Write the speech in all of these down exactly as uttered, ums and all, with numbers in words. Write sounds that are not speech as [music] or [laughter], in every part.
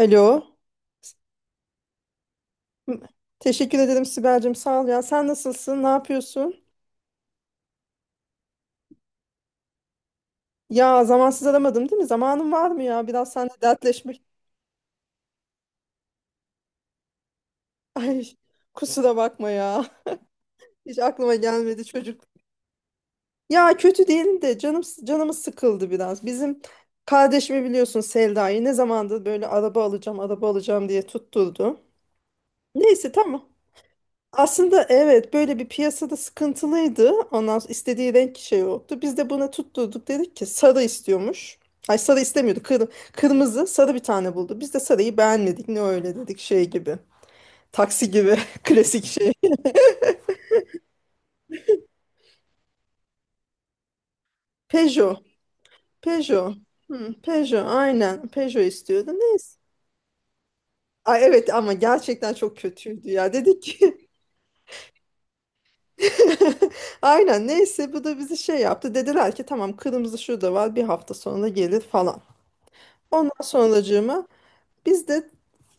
Alo. M- Teşekkür ederim Sibel'cim. Sağ ol ya. Sen nasılsın? Ne yapıyorsun? Ya zamansız aramadım değil mi? Zamanın var mı ya? Biraz seninle dertleşmek. [laughs] Ay kusura bakma ya. [laughs] Hiç aklıma gelmedi çocuk. Ya kötü değil de canım canımız sıkıldı biraz. Bizim kardeşimi biliyorsun Selda'yı ne zamandır böyle araba alacağım, araba alacağım diye tutturdu. Neyse tamam. Aslında evet böyle bir piyasada sıkıntılıydı. Ondan sonra istediği renk şey yoktu. Biz de buna tutturduk dedik ki sarı istiyormuş. Ay sarı istemiyordu. Kır, kırmızı sarı bir tane buldu. Biz de sarıyı beğenmedik. Ne öyle dedik şey gibi. Taksi gibi [laughs] klasik şey. Peugeot. Peugeot. Hmm, Peugeot aynen. Peugeot istiyordu. Neyse. Ay evet ama gerçekten çok kötüydü ya. Dedik ki [laughs] aynen neyse bu da bizi şey yaptı. Dediler ki tamam kırmızı şurada var bir hafta sonra gelir falan. Ondan sonracığıma biz de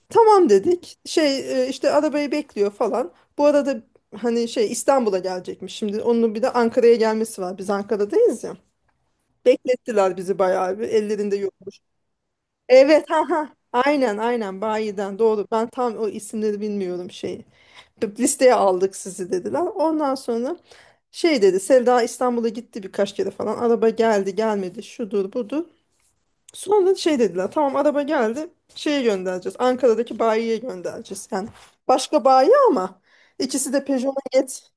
tamam dedik. Şey e, işte arabayı bekliyor falan. Bu arada hani şey İstanbul'a gelecekmiş. Şimdi onun bir de Ankara'ya gelmesi var. Biz Ankara'dayız ya. Beklettiler bizi bayağı bir. Ellerinde yokmuş. Evet ha ha. Aynen aynen bayiden doğru. Ben tam o isimleri bilmiyorum şeyi. Bir listeye aldık sizi dediler. Ondan sonra şey dedi Sevda İstanbul'a gitti birkaç kere falan. Araba geldi gelmedi şudur budur. Sonra şey dediler tamam araba geldi şeye göndereceğiz Ankara'daki bayiye göndereceğiz yani başka bayi ama ikisi de Peugeot Magnet.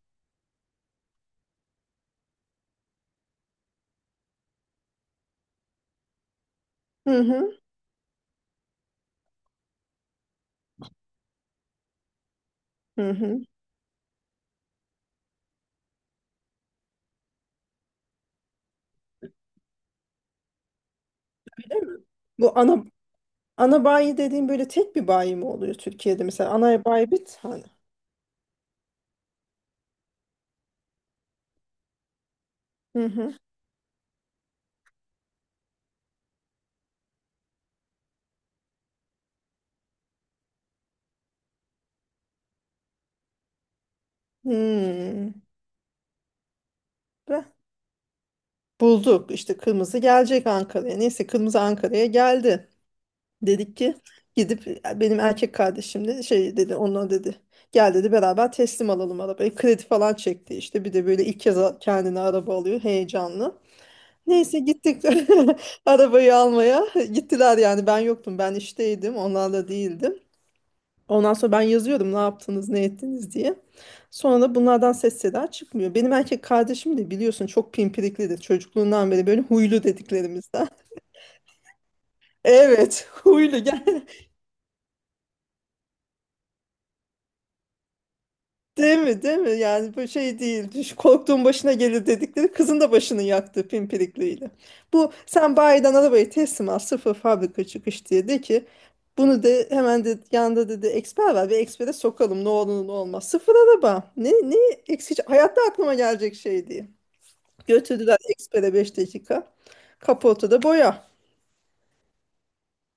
Hı hı hı hı. Bu ana ana bayi dediğim böyle tek bir bayi mi oluyor Türkiye'de mesela ana bayi bir tane. Hı hı. Hmm. Ve bulduk işte kırmızı gelecek Ankara'ya neyse kırmızı Ankara'ya geldi. Dedik ki gidip benim erkek kardeşim de şey dedi onunla dedi gel dedi beraber teslim alalım arabayı kredi falan çekti işte bir de böyle ilk kez a- kendine araba alıyor heyecanlı. Neyse gittik [laughs] arabayı almaya gittiler yani ben yoktum ben işteydim onlarla değildim. Ondan sonra ben yazıyorum ne yaptınız ne ettiniz diye. Sonra da bunlardan ses seda çıkmıyor. Benim erkek kardeşim de biliyorsun çok pimpiriklidir çocukluğundan beri böyle huylu dediklerimizden. [laughs] Evet huylu gel. Değil mi? Değil mi? Yani bu şey değil. Düş- Korktuğun başına gelir dedikleri kızın da başını yaktı pimpirikliyle. Bu sen bayiden arabayı teslim al sıfır fabrika çıkış diye de ki bunu de hemen de yanında dedi eksper var bir ekspere sokalım ne olur ne olmaz. Sıfır araba. Ne, ne eksici hayatta aklıma gelecek şey diye. Götürdüler ekspere beş dakika. Kaportada boya.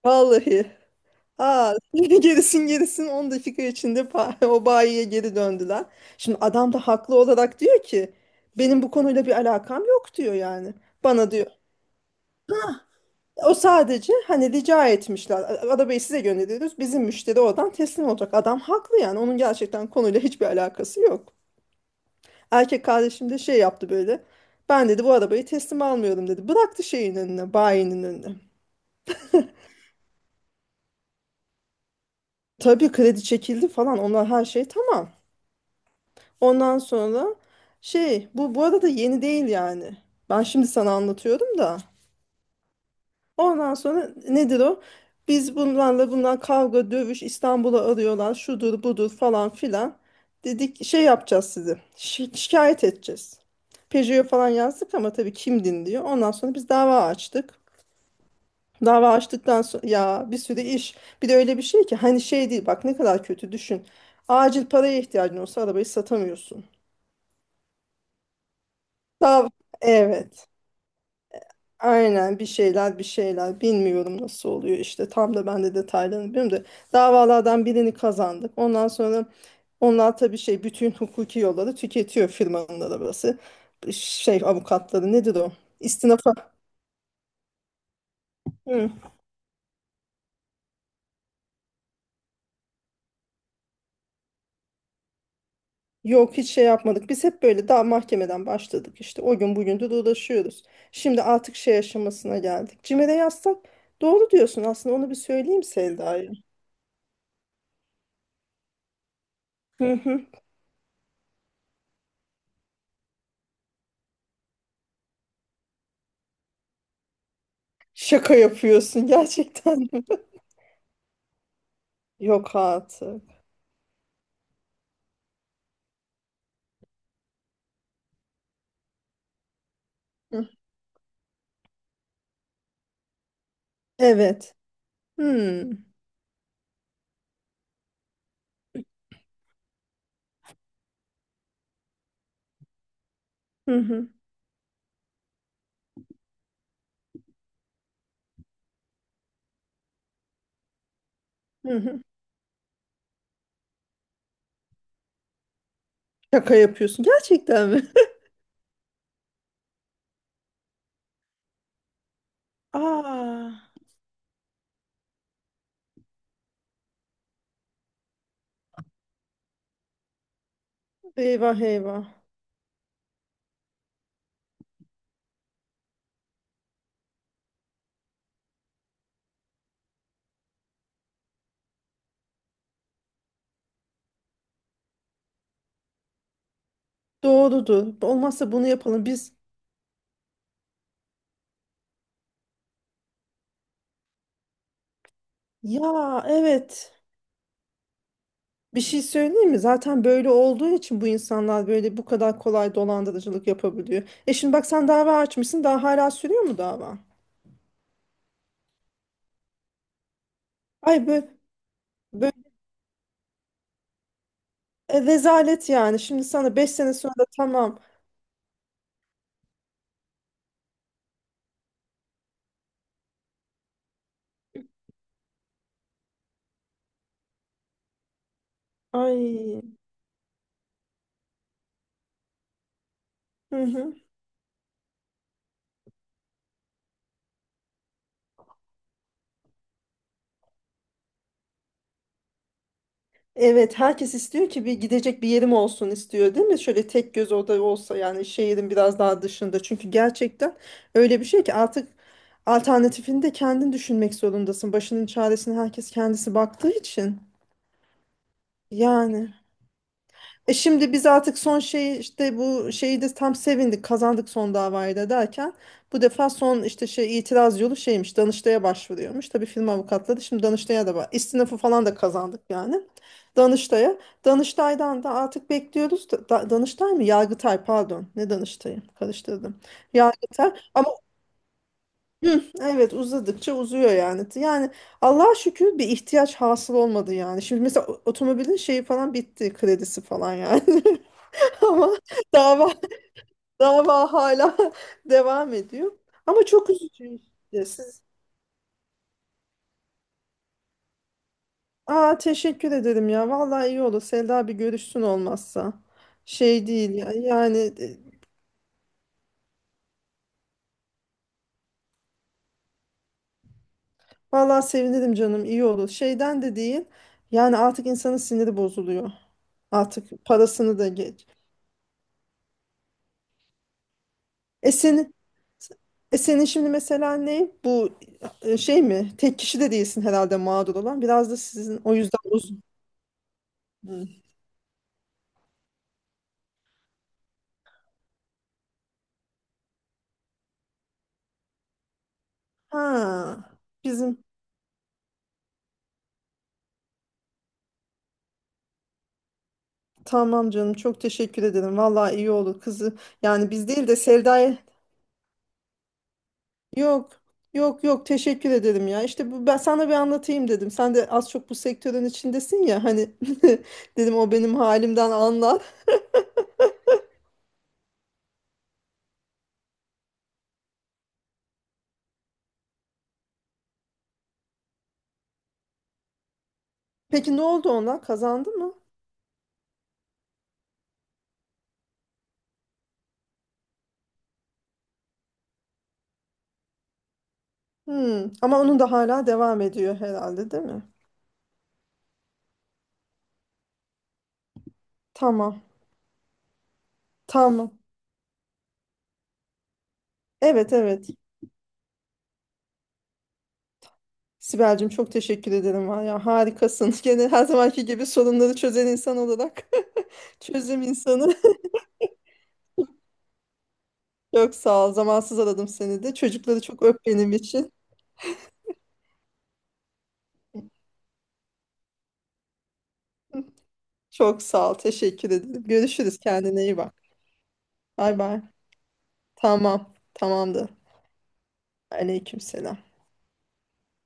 Vallahi. Aa, [laughs] gerisin gerisin on dakika içinde pa- [laughs] o bayiye geri döndüler. Şimdi adam da haklı olarak diyor ki benim bu konuyla bir alakam yok diyor yani. Bana diyor. O sadece hani rica etmişler. "A- Arabayı size gönderiyoruz. Bizim müşteri oradan teslim olacak. Adam haklı yani. Onun gerçekten konuyla hiçbir alakası yok. Erkek kardeşim de şey yaptı böyle. Ben dedi bu arabayı teslim almıyorum dedi. Bıraktı şeyin önüne, bayinin önüne. Tabii kredi çekildi falan. Onlar her şey tamam. Ondan sonra şey bu bu arada yeni değil yani. Ben şimdi sana anlatıyorum da. Ondan sonra nedir o? Biz bunlarla bunlar kavga dövüş İstanbul'a arıyorlar şudur budur falan filan. Dedik şey yapacağız sizi. şi- şikayet edeceğiz. Peugeot'a falan yazdık ama tabii kim dinliyor. Ondan sonra biz dava açtık. Dava açtıktan sonra ya bir sürü iş. Bir de öyle bir şey ki hani şey değil bak ne kadar kötü düşün. Acil paraya ihtiyacın olsa arabayı satamıyorsun. Dava Evet. Aynen bir şeyler bir şeyler bilmiyorum nasıl oluyor işte tam da ben de detaylarını bilmiyorum da davalardan birini kazandık. Ondan sonra onlar tabii şey bütün hukuki yolları tüketiyor firmanın arabası. Şey avukatları nedir o? İstinafa. Hı. Yok hiç şey yapmadık. Biz hep böyle daha mahkemeden başladık işte. O gün bugündür uğraşıyoruz. Şimdi artık şey aşamasına geldik. Cimer'e yazsak doğru diyorsun aslında onu bir söyleyeyim Selda'ya. Hı hı. Şaka yapıyorsun gerçekten. [laughs] Yok artık. Hı. Evet. Hmm. Hı hı. Hı hı. Şaka yapıyorsun. Gerçekten mi? [laughs] Aa, eyvah eyvah. Doğrudur. Olmazsa bunu yapalım. Biz ya evet. Bir şey söyleyeyim mi? Zaten böyle olduğu için bu insanlar böyle bu kadar kolay dolandırıcılık yapabiliyor. E şimdi bak sen dava açmışsın. Daha hala sürüyor mu dava? Ay böyle, böyle e, rezalet yani. Şimdi sana beş sene sonra da tamam. Ay. Hı hı. Evet, herkes istiyor ki bir gidecek bir yerim olsun istiyor, değil mi? Şöyle tek göz oda olsa yani şehrin biraz daha dışında. Çünkü gerçekten öyle bir şey ki artık alternatifini de kendin düşünmek zorundasın. Başının çaresine herkes kendisi baktığı için. Yani. E şimdi biz artık son şey işte bu şeyi de tam sevindik kazandık son davayı da derken bu defa son işte şey itiraz yolu şeymiş Danıştay'a başvuruyormuş. Tabii firma avukatları şimdi Danıştay'a da var. İstinafı falan da kazandık yani. Danıştay'a. Danıştay'dan da artık bekliyoruz. Da, da- Danıştay mı? Yargıtay pardon. Ne Danıştay'ı? Karıştırdım. Yargıtay. Ama hı, evet uzadıkça uzuyor yani. Yani Allah'a şükür bir ihtiyaç hasıl olmadı yani. Şimdi mesela o- otomobilin şeyi falan bitti. Kredisi falan yani. [laughs] Ama [laughs] dava dava hala [laughs] devam ediyor. Ama çok üzücü işte. Siz Aa teşekkür ederim ya. Vallahi iyi olur. Selda bir görüşsün olmazsa. Şey değil ya. Yani e, vallahi sevinirim canım. İyi olur. Şeyden de değil. Yani artık insanın siniri bozuluyor. Artık parasını da geç. E senin, e senin şimdi mesela ne? Bu e, şey mi? Tek kişi de değilsin herhalde mağdur olan. Biraz da sizin o yüzden uzun. Hı. Ha. bizim Tamam canım çok teşekkür ederim. Vallahi iyi olur kızı. Yani biz değil de Selda'ya yok yok yok teşekkür ederim ya. İşte bu, ben sana bir anlatayım dedim. Sen de az çok bu sektörün içindesin ya hani [laughs] dedim o benim halimden anlar. Peki ne oldu onlar? Kazandı mı? Hmm. Ama onun da hala devam ediyor herhalde değil mi? Tamam. Tamam. Evet evet. Sibel'cim çok teşekkür ederim var ya harikasın. [laughs] Gene her zamanki gibi sorunları çözen insan olarak [laughs] çözüm insanı. Çok sağ ol. Zamansız aradım seni de. Çocukları çok öp benim için. Çok sağ ol. Teşekkür ederim. Görüşürüz. Kendine iyi bak. Bay bay. Tamam. Tamamdır. Aleyküm selam.